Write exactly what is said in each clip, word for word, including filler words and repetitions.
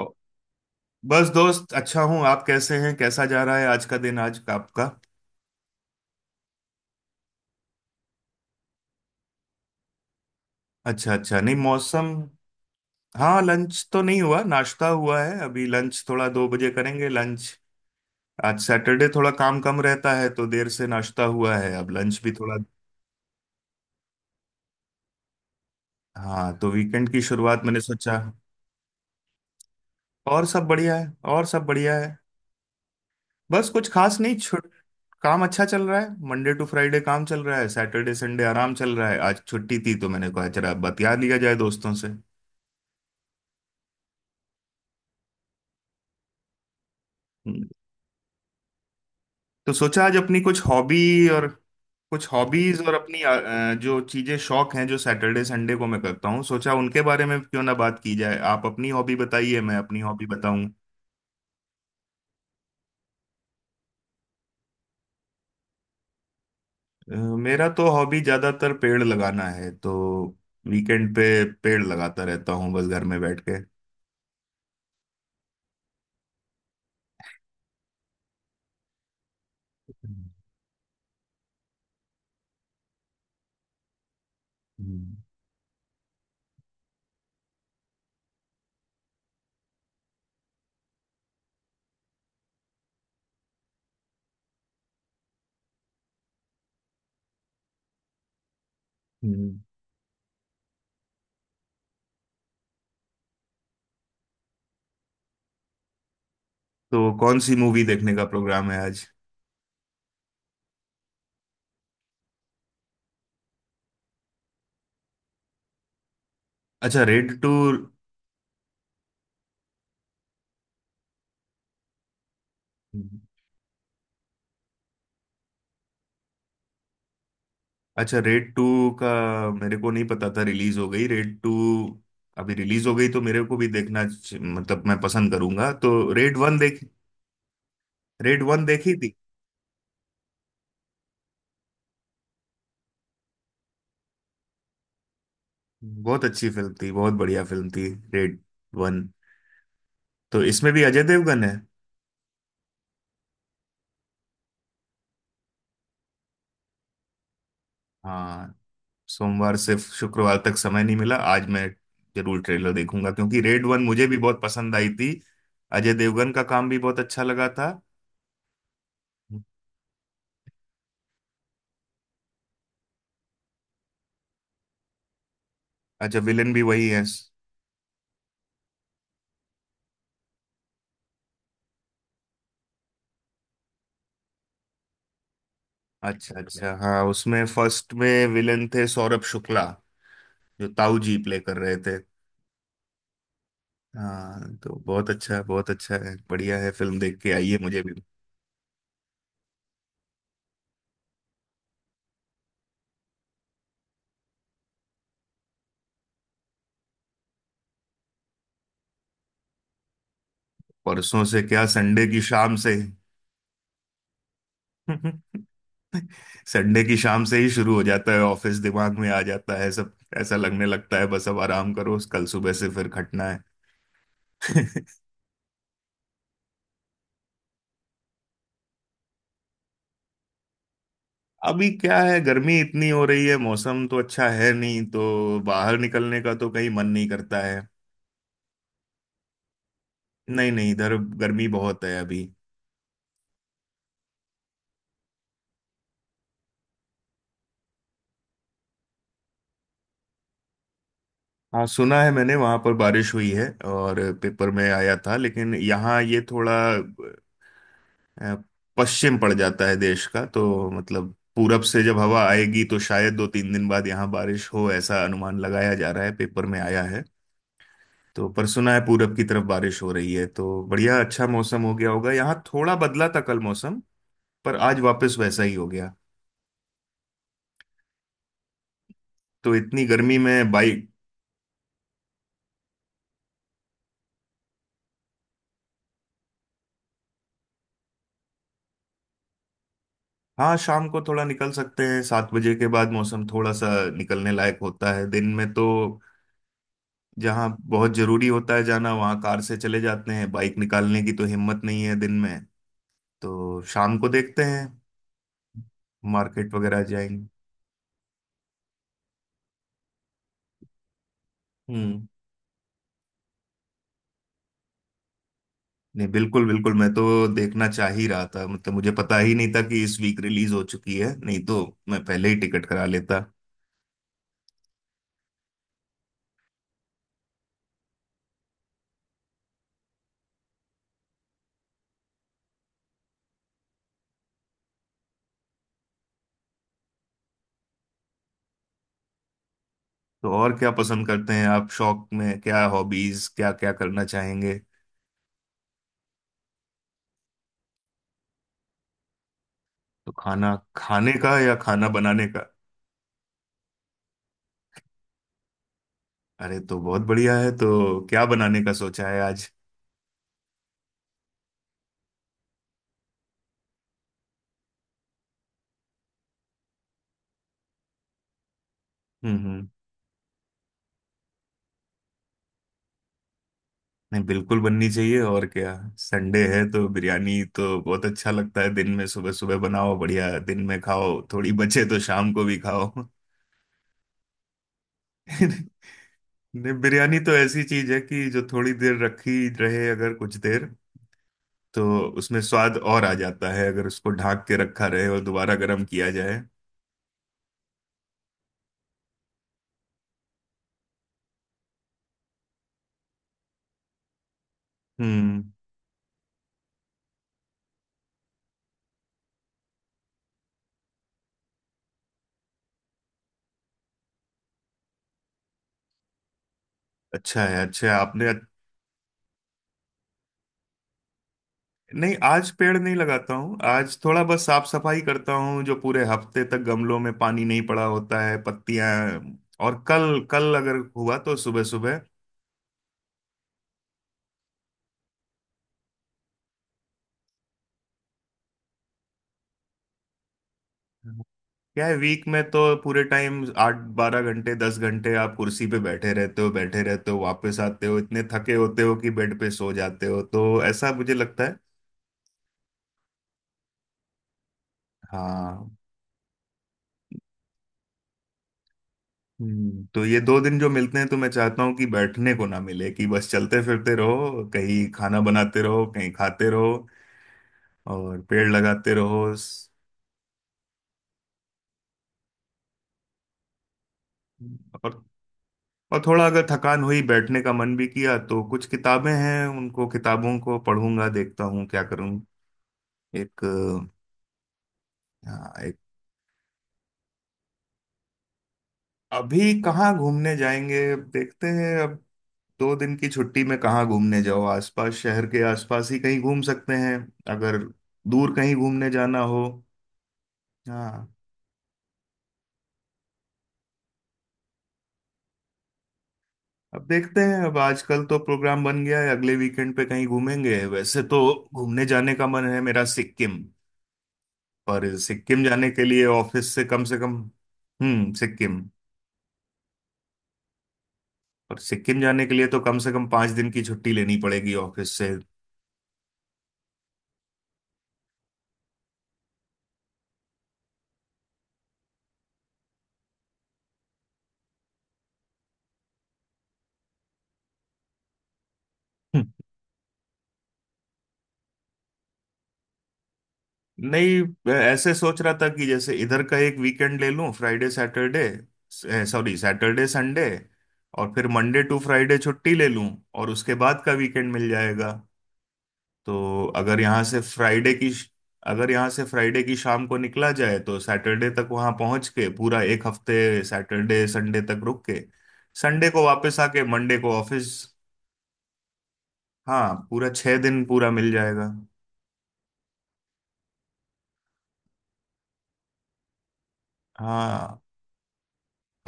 ओ, बस दोस्त अच्छा हूँ। आप कैसे हैं? कैसा जा रहा है आज का दिन? आज का आपका। अच्छा अच्छा, नहीं मौसम। हाँ लंच तो नहीं हुआ, नाश्ता हुआ है। अभी लंच थोड़ा दो बजे करेंगे लंच। आज सैटरडे थोड़ा काम कम रहता है तो देर से नाश्ता हुआ है, अब लंच भी थोड़ा। हाँ तो वीकेंड की शुरुआत मैंने सोचा। और सब बढ़िया है, और सब बढ़िया है। बस कुछ खास नहीं, छुट। काम अच्छा चल रहा है, मंडे टू फ्राइडे काम चल रहा है, सैटरडे संडे आराम चल रहा है। आज छुट्टी थी तो मैंने कहा जरा बतिया लिया जाए दोस्तों से। हम्म। तो सोचा आज अपनी कुछ हॉबी, और कुछ हॉबीज, और अपनी अ, जो चीजें शौक हैं, जो सैटरडे संडे को मैं करता हूँ, सोचा उनके बारे में क्यों ना बात की जाए। आप अपनी हॉबी बताइए, मैं अपनी हॉबी बताऊं। अ, मेरा तो हॉबी ज्यादातर पेड़ लगाना है, तो वीकेंड पे पेड़ लगाता रहता हूँ बस घर में बैठ के। हम्म, हम्म, हम्म। तो कौन सी मूवी देखने का प्रोग्राम है आज? अच्छा, रेड टू। हम्म। अच्छा, रेड टू का मेरे को नहीं पता था रिलीज हो गई रेड टू। अभी रिलीज हो गई तो मेरे को भी देखना च- मतलब मैं पसंद करूंगा, तो रेड वन देख, रेड वन देखी थी। बहुत अच्छी फिल्म थी, बहुत बढ़िया फिल्म थी, रेड वन। तो इसमें भी अजय देवगन है। हाँ, सोमवार से शुक्रवार तक समय नहीं मिला, आज मैं जरूर ट्रेलर देखूंगा क्योंकि रेड वन मुझे भी बहुत पसंद आई थी। अजय देवगन का काम भी बहुत अच्छा लगा था। अच्छा, विलेन भी वही है? अच्छा अच्छा। हाँ, उसमें फर्स्ट में विलन थे सौरभ शुक्ला, जो ताऊ जी प्ले कर रहे थे। हाँ तो बहुत अच्छा, बहुत अच्छा है, बढ़िया है। फिल्म देख के आइए, मुझे भी। परसों से क्या, संडे की शाम से? संडे की शाम से ही शुरू हो जाता है, ऑफिस दिमाग में आ जाता है सब। ऐसा लगने लगता है, बस अब आराम करो, कल सुबह से फिर खटना है। अभी क्या है, गर्मी इतनी हो रही है, मौसम तो अच्छा है नहीं, तो बाहर निकलने का तो कहीं मन नहीं करता है। नहीं नहीं, इधर गर्मी बहुत है अभी। हाँ सुना है मैंने, वहां पर बारिश हुई है और पेपर में आया था, लेकिन यहाँ ये थोड़ा अ, पश्चिम पड़ जाता है देश का, तो मतलब पूरब से जब हवा आएगी तो शायद दो तीन दिन बाद यहाँ बारिश हो, ऐसा अनुमान लगाया जा रहा है, पेपर में आया है। तो पर सुना है पूरब की तरफ बारिश हो रही है, तो बढ़िया, अच्छा मौसम हो गया होगा। यहाँ थोड़ा बदला था कल मौसम, पर आज वापस वैसा ही हो गया। तो इतनी गर्मी में बाइक। हाँ शाम को थोड़ा निकल सकते हैं, सात बजे के बाद मौसम थोड़ा सा निकलने लायक होता है। दिन में तो जहाँ बहुत जरूरी होता है जाना वहाँ कार से चले जाते हैं, बाइक निकालने की तो हिम्मत नहीं है दिन में। तो शाम को देखते हैं, मार्केट वगैरह जाएंगे। हम्म। नहीं बिल्कुल बिल्कुल, मैं तो देखना चाह ही रहा था, मतलब मुझे पता ही नहीं था कि इस वीक रिलीज हो चुकी है, नहीं तो मैं पहले ही टिकट करा लेता। तो और क्या पसंद करते हैं आप शौक में? क्या हॉबीज, क्या क्या करना चाहेंगे? तो खाना खाने का या खाना बनाने का? अरे तो बहुत बढ़िया है, तो क्या बनाने का सोचा है आज? हम्म, हम्म। नहीं बिल्कुल बननी चाहिए, और क्या। संडे है तो बिरयानी तो बहुत अच्छा लगता है, दिन में सुबह सुबह बनाओ, बढ़िया दिन में खाओ, थोड़ी बचे तो शाम को भी खाओ। नहीं बिरयानी तो ऐसी चीज है कि जो थोड़ी देर रखी रहे, अगर कुछ देर, तो उसमें स्वाद और आ जाता है, अगर उसको ढक के रखा रहे और दोबारा गर्म किया जाए। हम्म। अच्छा है, अच्छा है आपने। नहीं आज पेड़ नहीं लगाता हूँ, आज थोड़ा बस साफ सफाई करता हूँ, जो पूरे हफ्ते तक गमलों में पानी नहीं पड़ा होता है, पत्तियां। और कल, कल अगर हुआ तो सुबह सुबह। क्या है, वीक में तो पूरे टाइम आठ बारह घंटे, दस घंटे आप कुर्सी पे बैठे रहते हो, बैठे रहते हो, वापस आते हो इतने थके होते हो कि बेड पे सो जाते हो, तो ऐसा मुझे लगता है। हाँ। हम्म, तो ये दो दिन जो मिलते हैं, तो मैं चाहता हूँ कि बैठने को ना मिले, कि बस चलते फिरते रहो, कहीं खाना बनाते रहो, कहीं खाते रहो, और पेड़ लगाते रहो स- और और थोड़ा अगर थकान हुई, बैठने का मन भी किया तो कुछ किताबें हैं, उनको, किताबों को पढ़ूंगा, देखता हूँ क्या करूँ। एक। हाँ, एक। अभी कहाँ घूमने जाएंगे, अब देखते हैं। अब दो दिन की छुट्टी में कहाँ घूमने जाओ, आसपास, शहर के आसपास ही कहीं घूम सकते हैं। अगर दूर कहीं घूमने जाना हो। हाँ अब देखते हैं। अब आजकल तो प्रोग्राम बन गया है अगले वीकेंड पे कहीं घूमेंगे, वैसे तो घूमने जाने का मन है मेरा, सिक्किम। पर सिक्किम जाने के लिए ऑफिस से कम से कम। हम्म, सिक्किम। पर सिक्किम जाने के लिए तो कम से कम पांच दिन की छुट्टी लेनी पड़ेगी ऑफिस से। हम्म। नहीं ऐसे सोच रहा था कि जैसे इधर का एक वीकेंड ले लूं, Friday Saturday, sorry Saturday Sunday, और फिर मंडे टू फ्राइडे छुट्टी ले लूं और उसके बाद का वीकेंड मिल जाएगा। तो अगर यहाँ से फ्राइडे की अगर यहाँ से फ्राइडे की शाम को निकला जाए तो सैटरडे तक वहाँ पहुँच के पूरा एक हफ्ते, सैटरडे संडे तक रुक के, संडे को वापस आके मंडे को ऑफिस। हाँ, पूरा छह दिन पूरा मिल जाएगा। हाँ,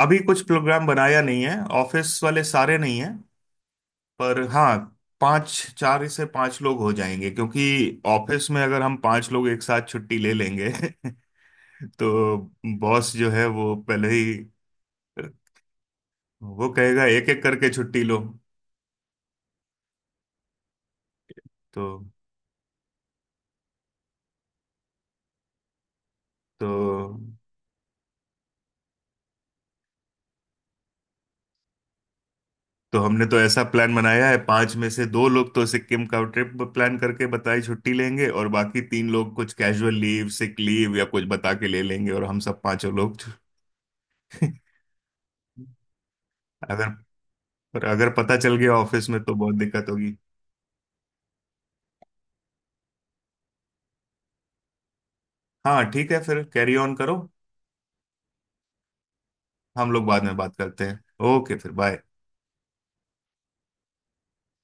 अभी कुछ प्रोग्राम बनाया नहीं है। ऑफिस वाले सारे नहीं हैं, पर हाँ, पाँच चार से पाँच लोग हो जाएंगे, क्योंकि ऑफिस में अगर हम पाँच लोग एक साथ छुट्टी ले लेंगे तो बॉस जो है वो पहले ही, वो कहेगा एक एक करके छुट्टी लो। तो तो तो हमने तो ऐसा प्लान बनाया है, पांच में से दो लोग तो सिक्किम का ट्रिप प्लान करके बताई छुट्टी लेंगे और बाकी तीन लोग कुछ कैजुअल लीव, सिक लीव या कुछ बता के ले लेंगे, और हम सब पांचों लोग अगर पर अगर पता चल गया ऑफिस में तो बहुत दिक्कत होगी। हाँ ठीक है, फिर कैरी ऑन करो। हम लोग बाद में बात करते हैं। ओके, फिर बाय।